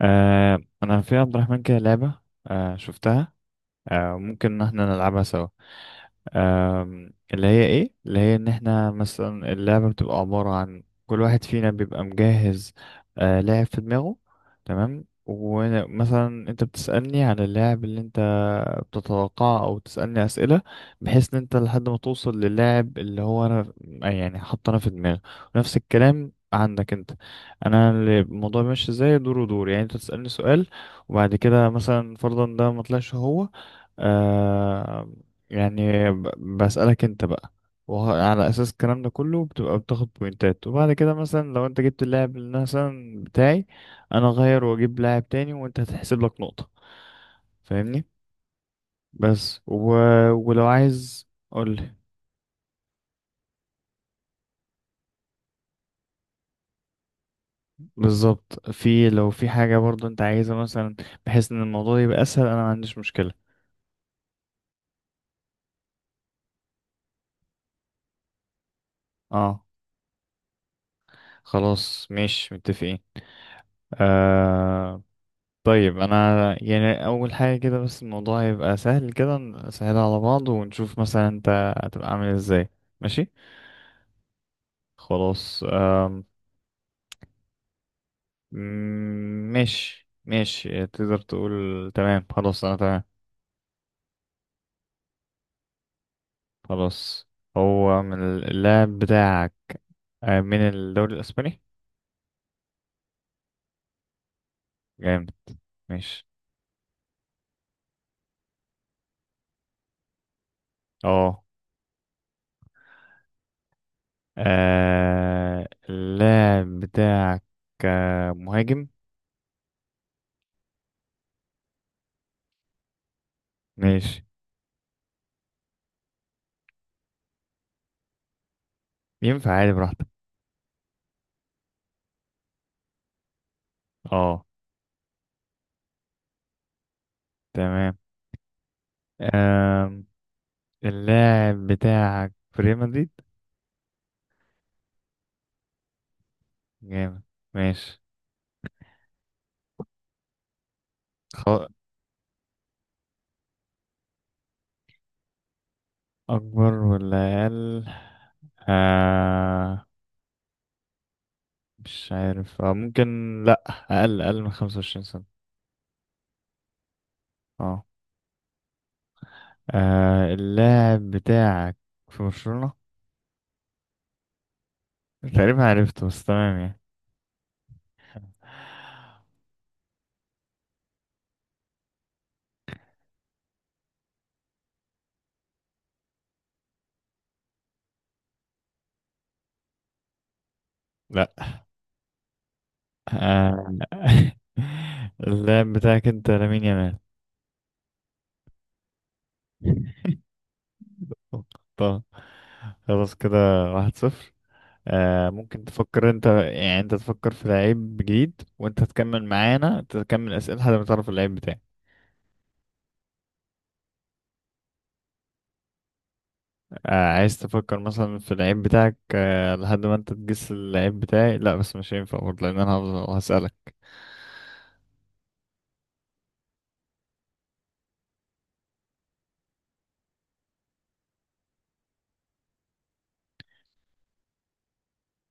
انا في عبد الرحمن كده لعبة. آه، شفتها. آه، ممكن ان احنا نلعبها سوا. اللي هي ان احنا مثلا اللعبة بتبقى عبارة عن كل واحد فينا بيبقى مجهز لاعب في دماغه. تمام، ومثلا انت بتسألني عن اللاعب اللي انت بتتوقعه او تسألني اسئلة، بحيث ان انت لحد ما توصل للاعب اللي هو انا يعني حاطه انا في دماغي، ونفس الكلام عندك انت. الموضوع ماشي ازاي، دور ودور. يعني انت تسألني سؤال وبعد كده مثلا فرضا ده ما طلعش هو، آه، يعني بسألك انت بقى. وعلى اساس الكلام ده كله بتبقى بتاخد بوينتات، وبعد كده مثلا لو انت جبت اللاعب اللي مثلا بتاعي انا اغير واجيب لاعب تاني وانت هتحسب لك نقطة. فاهمني؟ بس و... ولو عايز قولي. بالظبط، في لو في حاجة برضو انت عايزها مثلا بحيث ان الموضوع يبقى اسهل، انا ما عنديش مشكلة. اه، خلاص ماشي، متفقين. آه. طيب انا يعني اول حاجه كده، بس الموضوع هيبقى سهل، كده سهل على بعض، ونشوف مثلا انت هتبقى عامل ازاي. ماشي. خلاص ماشي ماشي، تقدر تقول تمام. خلاص، انا تمام. خلاص. هو من اللاعب بتاعك؟ آه، من الدوري الاسباني. جامد، ماشي. اه. اللاعب بتاعك مهاجم؟ ماشي. ينفع عادي، براحتك. اه تمام. آم، اللاعب بتاعك في ريال مدريد؟ جامد، ماشي. خ- أكبر ولا أقل؟ آه، مش عارف، آه ممكن. لأ. أقل، أقل من 25 سنة. اه. اللاعب بتاعك في برشلونة؟ تقريبا عرفته بس، تمام يعني. لأ. آه. اللاعب بتاعك أنت لامين يامال. طب خلاص كده. 1-0. آه ممكن تفكر انت، يعني انت تفكر في لعيب جديد وانت تكمل معانا، انت تكمل اسئله لحد ما تعرف اللعيب بتاعي. آه عايز تفكر مثلا في اللعيب بتاعك آه لحد ما انت تجس اللعيب بتاعي، لا بس مش هينفع برضه لان انا هفضل هسالك.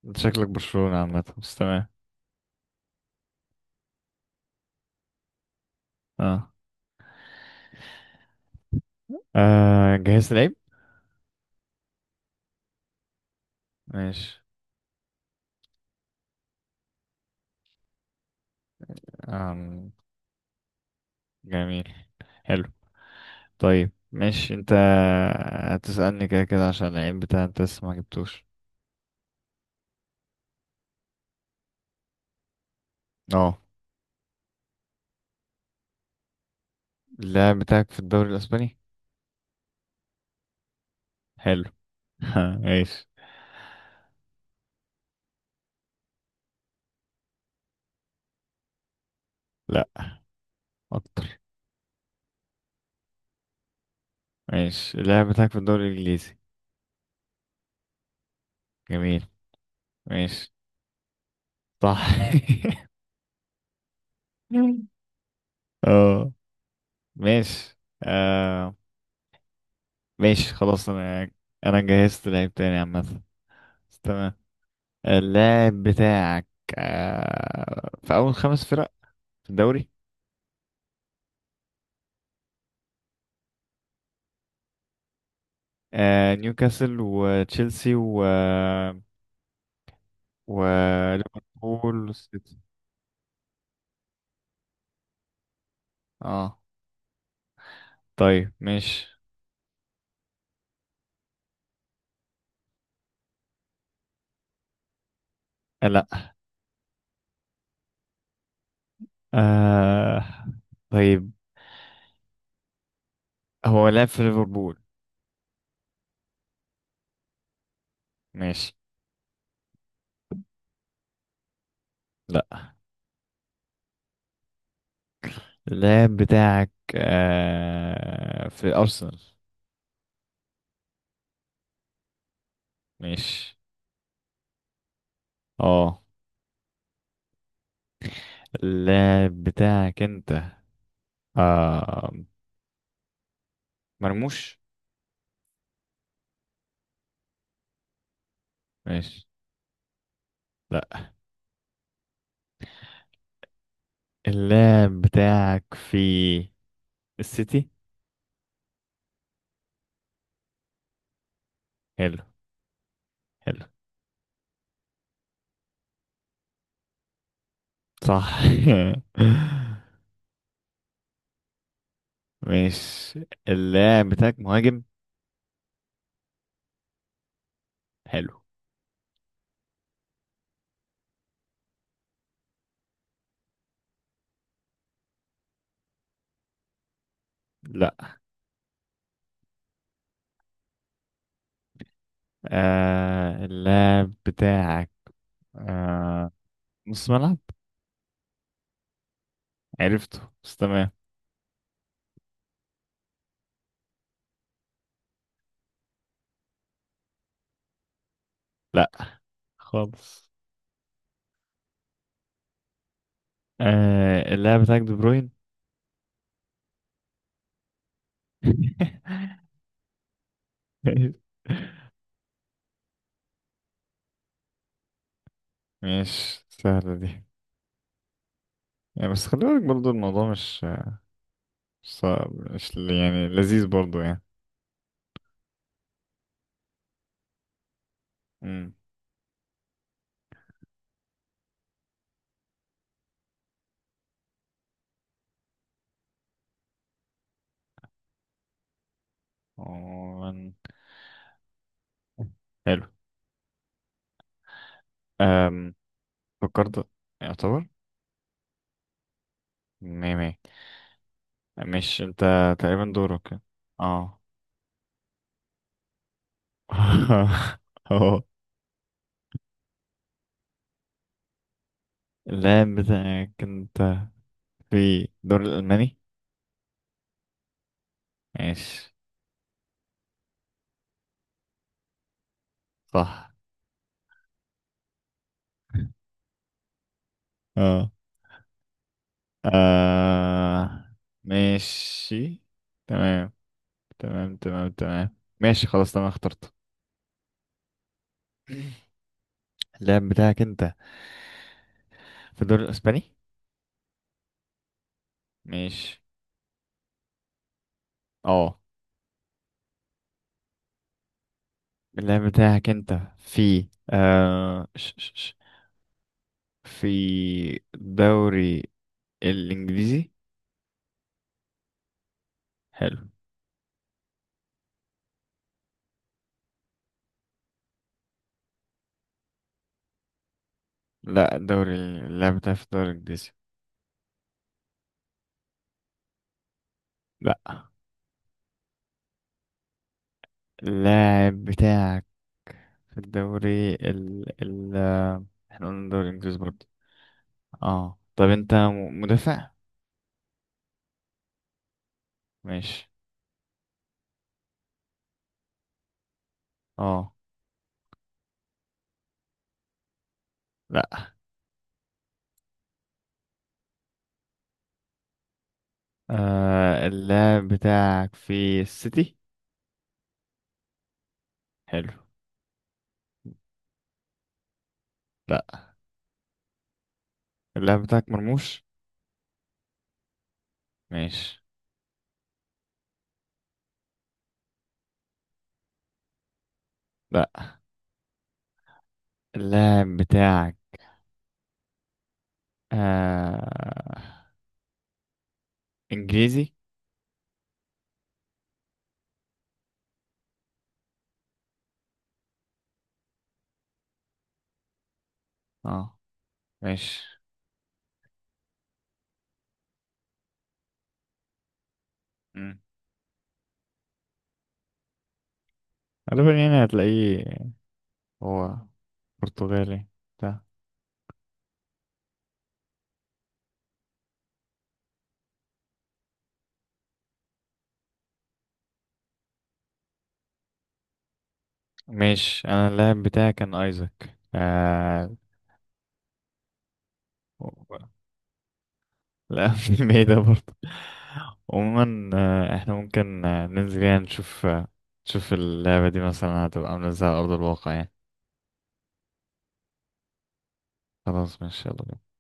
انت شكلك برشلونه عامه، بس تمام. اه, آه جهزت لعيب. ماشي. آم. جميل، حلو. طيب ماشي، انت هتسالني كده كده عشان اللعيب بتاعك انت لسه ما جبتوش. اه، اللاعب بتاعك في الدوري الاسباني؟ حلو. ماشي. لا، اكتر. ماشي، اللاعب بتاعك في الدوري الانجليزي؟ جميل، ماشي. صح. اه، ماشي. آه. ماشي خلاص. انا جهزت لعيب تاني عامة. تمام. اللاعب بتاعك في اول خمس فرق في الدوري؟ آه، نيوكاسل وتشيلسي وليفربول والسيتي. اه طيب ماشي. آه، لا. آه. طيب، هو لعب في ليفربول؟ ماشي. لا. اللاعب بتاعك في أرسنال؟ ماشي. اه. اللاعب بتاعك انت آه مرموش؟ ماشي. لا. اللاعب بتاعك في السيتي. حلو، حلو. صح. ماشي. اللاعب بتاعك مهاجم؟ حلو. لا. اللاعب بتاعك آه نص ملعب؟ عرفته بس، تمام. لا، خالص. اللاعب بتاعك دي بروين. ماشي، سهلة دي يعني. بس خلي بالك برضو، الموضوع مش صعب، مش ل- يعني لذيذ برضو يعني. امم عموماً. حلو. أم. فكرت، يعتبر مية مية. مش انت تقريبا دورك؟ اه. اه، اللاعب بتاعك انت في الدوري الألماني؟ ماشي. صح. اه، آه، ماشي. تمام، تمام تمام تمام ماشي خلاص، تمام اخترت. اللاعب بتاعك انت في الدوري الاسباني؟ ماشي. اه، اللاعب بتاعك انت في آه ش ش ش في الدوري الانجليزي؟ حلو. لا الدوري، اللاعب بتاعك في الدوري الانجليزي. لا. اللاعب بتاعك في الدوري ال ال آه، احنا قلنا الدوري الانجليزي برضه. اه طب انت مدافع؟ ماشي. اه لا. آه، اللاعب بتاعك في السيتي. حلو. لا. اللاعب بتاعك مرموش؟ ماشي. لا. اللاعب بتاعك آه انجليزي. اه، ماشي. مم. غالبا يعني هتلاقيه. هو برتغالي بتاع. ماشي، انا اللاعب بتاعي كان ايزاك. آه. لا. مش بعيدة برضه. عموما احنا ممكن ننزل يعني نشوف، نشوف اللعبة دي مثلا هتبقى عاملة ازاي على أرض الواقع يعني. خلاص ماشي يلا بينا.